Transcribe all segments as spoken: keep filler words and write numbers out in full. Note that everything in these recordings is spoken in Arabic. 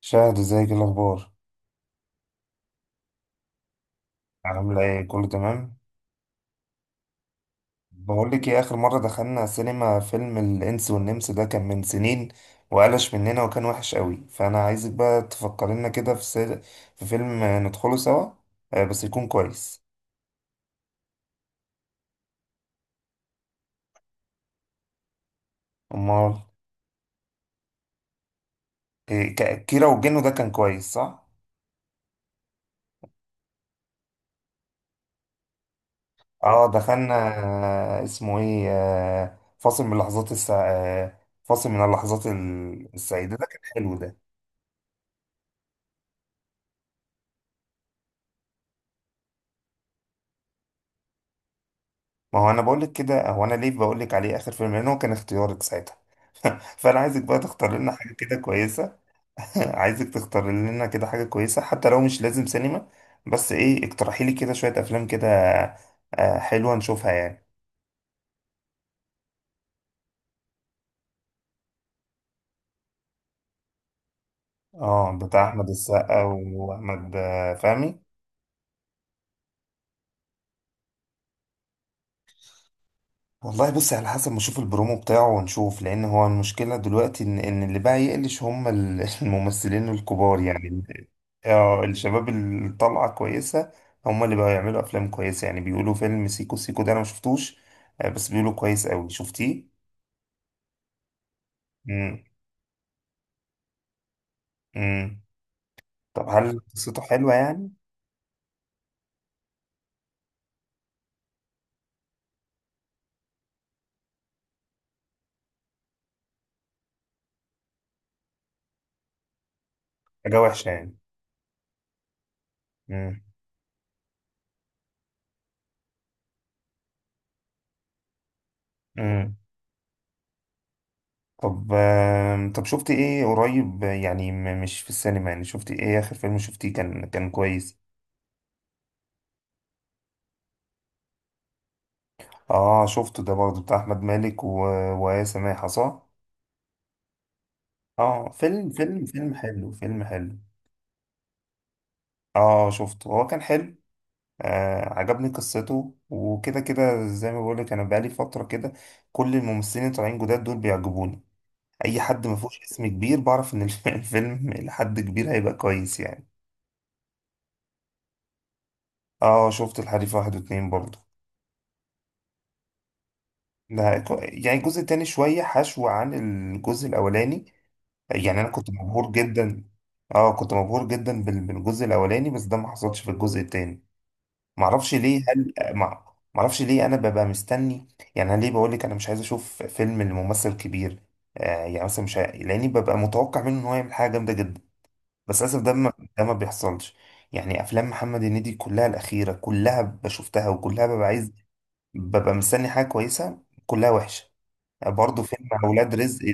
شاهد، ازيك؟ ايه الاخبار؟ عامله ايه؟ كله تمام؟ بقول لك ايه، اخر مره دخلنا سينما فيلم الانس والنمس ده كان من سنين وقلش مننا وكان وحش قوي، فانا عايزك بقى تفكر لنا كده في سل... في فيلم ندخله سوا. آه، بس يكون كويس. امال؟ إيه، ك- كيرة والجن ده كان كويس، صح؟ اه، دخلنا. آه، اسمه ايه؟ آه، فاصل من لحظات السع... آه، فاصل من اللحظات ال- السعيده، ده كان حلو ده. ما هو انا بقول لك كده، هو انا ليه بقول لك عليه اخر فيلم؟ لان هو كان اختيارك ساعتها. فانا عايزك بقى تختار لنا حاجه كده كويسه. عايزك تختار لنا كده حاجه كويسه، حتى لو مش لازم سينما. بس ايه، اقترحي لي كده شويه افلام كده. آه، حلوه نشوفها يعني. اه، بتاع احمد السقا. واحمد آه، فهمي. والله بص، على حسب ما اشوف البرومو بتاعه ونشوف. لان هو المشكله دلوقتي ان ان اللي بقى يقلش هم ال- الممثلين الكبار، يعني ال- اه، الشباب اللي طالعه كويسه. هم اللي بقوا يعملوا افلام كويسه. يعني بيقولوا فيلم سيكو سيكو ده، انا ما شفتوش. آه، بس بيقولوا كويس قوي. شفتيه؟ امم. امم. طب هل قصته حلوه يعني؟ حاجه وحشه يعني؟ امم. امم. طب، آم، طب شفت ايه قريب يعني؟ م- مش في السينما يعني. شفت ايه اخر فيلم شفتيه كان كان كويس؟ اه، شفته ده برضه، بتاع احمد مالك و... وآية سماحة، صح؟ اه، فيلم فيلم فيلم حلو. فيلم حلو. اه، شفته، هو كان حلو. آه، عجبني قصته وكده كده. زي ما بقولك، انا بقالي فترة كده كل الممثلين اللي طالعين جداد دول بيعجبوني. اي حد ما فيهوش اسم كبير، بعرف ان الف- الفيلم لحد كبير هيبقى كويس يعني. اه، شفت الحريف واحد واتنين برضه. ده، يعني الجزء التاني شوية حشو عن الجزء الأولاني. يعني انا كنت مبهور جدا. اه، كنت مبهور جدا بال- بالجزء الاولاني، بس ده ما حصلش في الجزء التاني. معرفش ليه. هل مع معرفش ليه انا ببقى مستني؟ يعني انا ليه بقول لك انا مش عايز اشوف فيلم لممثل كبير. آه، يعني مثلا مش ه- لاني ببقى متوقع منه ان هو يعمل حاجه جامده جدا، بس للاسف ده ما ده ما بيحصلش. يعني افلام محمد هنيدي كلها الاخيره، كلها بشوفتها، وكلها ببقى عايز، ببقى مستني حاجه كويسه. كلها وحشه. برضه فيلم اولاد رزق،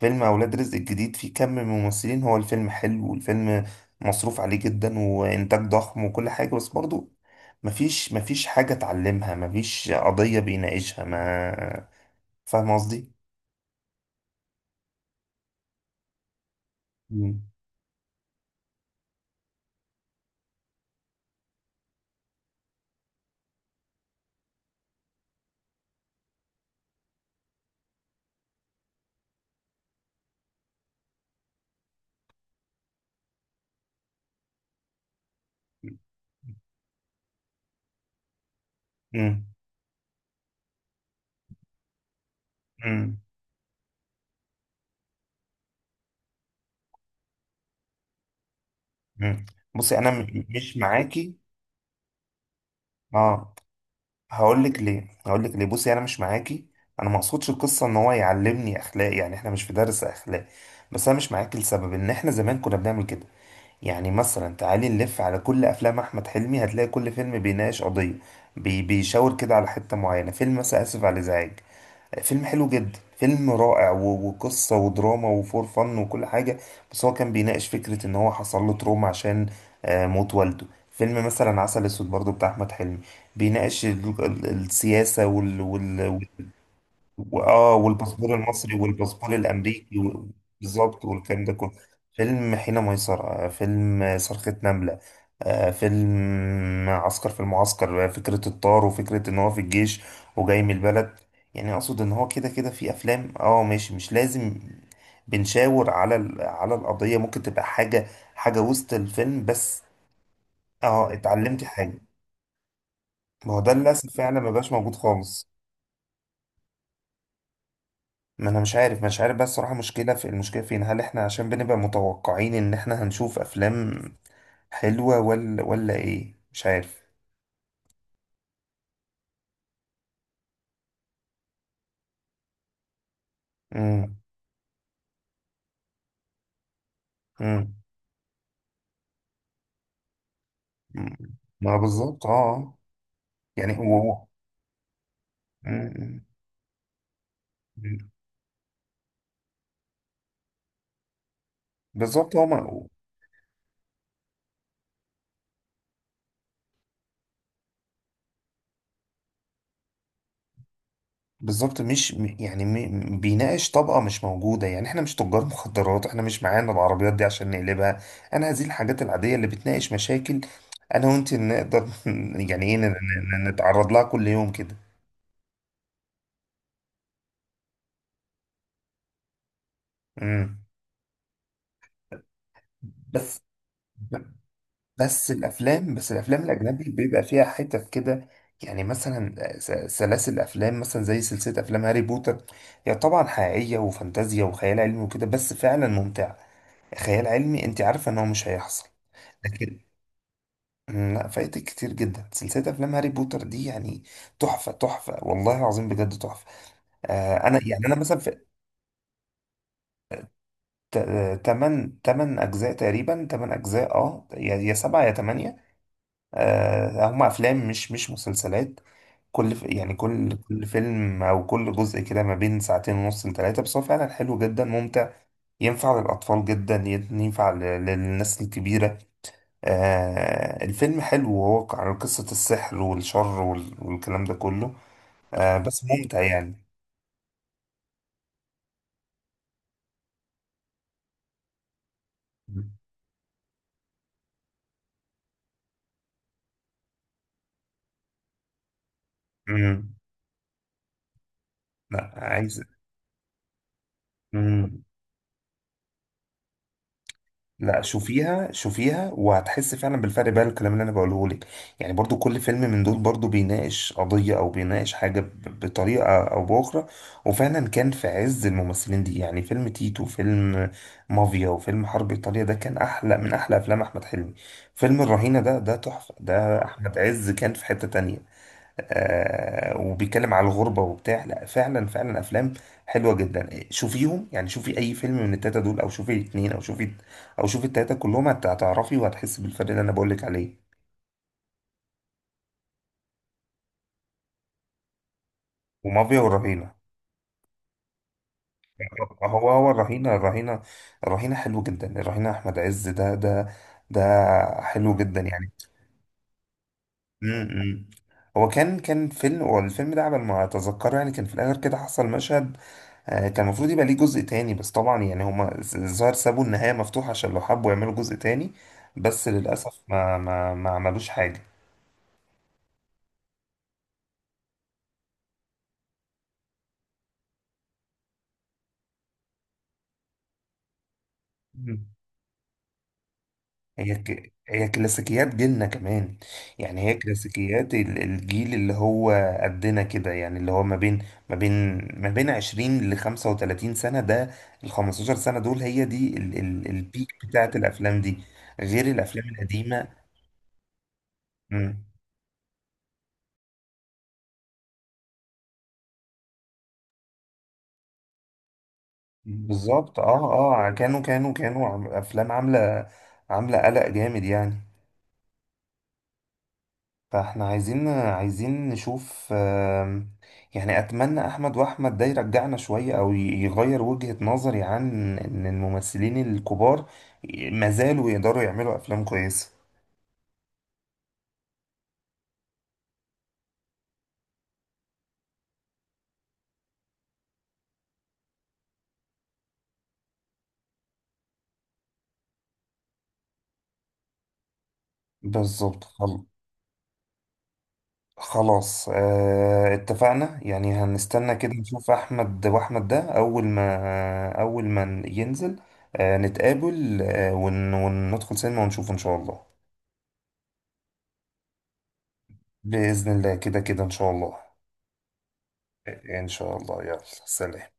فيلم أولاد رزق الجديد فيه كم من ممثلين، هو الفيلم حلو، والفيلم مصروف عليه جدا وإنتاج ضخم وكل حاجة، بس برضو مفيش مفيش حاجة اتعلمها، مفيش قضية بيناقشها. ما فاهم قصدي؟ مم. مم. مم. مم. بصي، أنا م- مش معاكي. اه، هقول لك ليه هقول لك ليه بصي، أنا مش معاكي. أنا ما أقصدش القصة إن هو يعلمني أخلاق، يعني إحنا مش في درس أخلاق. بس أنا مش معاكي لسبب إن إحنا زمان كنا بنعمل كده. يعني مثلا تعالي نلف على كل افلام احمد حلمي، هتلاقي كل فيلم بيناقش قضيه، بي بيشاور كده على حته معينه. فيلم مثلا اسف على الازعاج، فيلم حلو جدا، فيلم رائع، و- وقصه ودراما وفور فن وكل حاجه. بس هو كان بيناقش فكره ان هو حصل له تروما عشان آه، موت والده. فيلم مثلا عسل اسود برضه، بتاع احمد حلمي، بيناقش ال- ال- السياسه، وال وال واه والباسبور المصري والباسبور الامريكي و- بالظبط، والكلام ده كله. فيلم حين ميسرة، آه، فيلم صرخة نملة، آه، فيلم عسكر في المعسكر، آه، فكرة الطار وفكرة ان هو في الجيش وجاي من البلد. يعني اقصد ان هو كده كده في افلام، اه ماشي، مش لازم بنشاور على ال- على القضية، ممكن تبقى حاجة، حاجة وسط الفيلم بس. اه، اتعلمت حاجة. ما هو ده للاسف فعلا ما بقاش موجود خالص. ما انا مش عارف مش عارف بس الصراحه، مشكله في، المشكله فين؟ هل احنا عشان بنبقى متوقعين ان احنا هنشوف افلام حلوه ولا ولا ايه؟ مش عارف. امم. امم. إمم. ما بالظبط، اه. آه. يعني هو هو. مم. مم. بالظبط، هو ما- بالظبط، مش م- يعني م- بيناقش طبقه مش موجوده. يعني احنا مش تجار مخدرات، احنا مش معانا العربيات دي عشان نقلبها. انا هذه الحاجات العاديه اللي بتناقش مشاكل انا وانت نقدر يعني ايه ن- ن- نتعرض لها كل يوم كده. امم. بس، بس الافلام بس الافلام الاجنبي بيبقى فيها حتت كده. يعني مثلا س- سلاسل افلام، مثلا زي سلسله افلام هاري بوتر. هي يعني طبعا حقيقيه وفانتازيا وخيال علمي وكده، بس فعلا ممتعه. خيال علمي، انت عارفه ان هو مش هيحصل، لكن. مم، لا، فايتك كتير جدا سلسله افلام هاري بوتر دي يعني. تحفه تحفه والله العظيم، بجد تحفه. آه، انا يعني انا مثلا في تمانية تمانية اجزاء تقريبا، تمانية اجزاء، اه، يا سبعة يا تمانية. آه، هم افلام، مش مش مسلسلات. كل ف- يعني كل كل فيلم او كل جزء، كده ما بين ساعتين ونص لثلاثه. بس هو فعلا حلو جدا، ممتع. ينفع للاطفال جدا، ينفع ل- للناس الكبيره. آه، الفيلم حلو، وهو عن قصه السحر والشر وال- والكلام ده كله. آه، بس ممتع يعني. امم. لا، عايز. مم. لا، شوفيها شوفيها وهتحس فعلا بالفرق. بقى الكلام اللي انا بقوله لك، يعني برضو كل فيلم من دول برضو بيناقش قضية، او بيناقش حاجة ب- بطريقة او باخرى. وفعلا كان في عز الممثلين دي. يعني فيلم تيتو، فيلم مافيا، وفيلم حرب ايطاليا ده كان احلى من احلى افلام احمد حلمي. فيلم الرهينة ده ده تحفة ده، آه. احمد عز كان في حتة تانية. آه وبيتكلم على الغربة وبتاع. لا فعلا، فعلا أفلام حلوة جدا. شوفيهم يعني، شوفي أي فيلم من التلاتة دول، أو شوفي الاتنين، أو شوفي، أو شوفي التلاتة كلهم. هت- هتعرفي وهتحسي بالفرق اللي أنا بقولك عليه. ومافيا والرهينة. هو هو الرهينة الرهينة، الرهينة حلو جدا. الرهينة أحمد عز، ده ده ده، حلو جدا يعني. م- م. هو كان كان فيلم، والفيلم ده على ما أتذكره يعني كان في الآخر كده حصل مشهد. آه، كان المفروض يبقى ليه جزء تاني، بس طبعا يعني هما ز- الظاهر سابوا النهاية مفتوحة عشان لو حبوا يعملوا جزء تاني، بس للأسف ما ما ما عملوش حاجة. مم. هي ك... هي كلاسيكيات جيلنا كمان. يعني هي كلاسيكيات ال- الجيل اللي هو قدنا كده، يعني اللي هو ما بين ما بين ما بين عشرين ل خمسة وتلاتين سنة ده، ال خمسة عشر سنة دول هي دي ال... ال... البيك بتاعت الأفلام دي، غير الأفلام القديمة. مم. بالظبط، اه. اه، كانوا كانوا كانوا عم- افلام عامله، عامله قلق جامد يعني. فاحنا عايزين عايزين نشوف، آم، يعني اتمنى احمد واحمد ده يرجعنا شويه، او ي- يغير وجهة نظري عن ان الممثلين الكبار ما زالوا يقدروا يعملوا افلام كويسه. بالظبط، خلاص. خلاص، آه، اتفقنا. يعني هنستنى كده نشوف احمد واحمد ده اول ما اول ما ينزل. آه، نتقابل، آه ون وندخل سينما ونشوفه ان شاء الله. بإذن الله، كده كده ان شاء الله. ان شاء الله، يلا، سلام.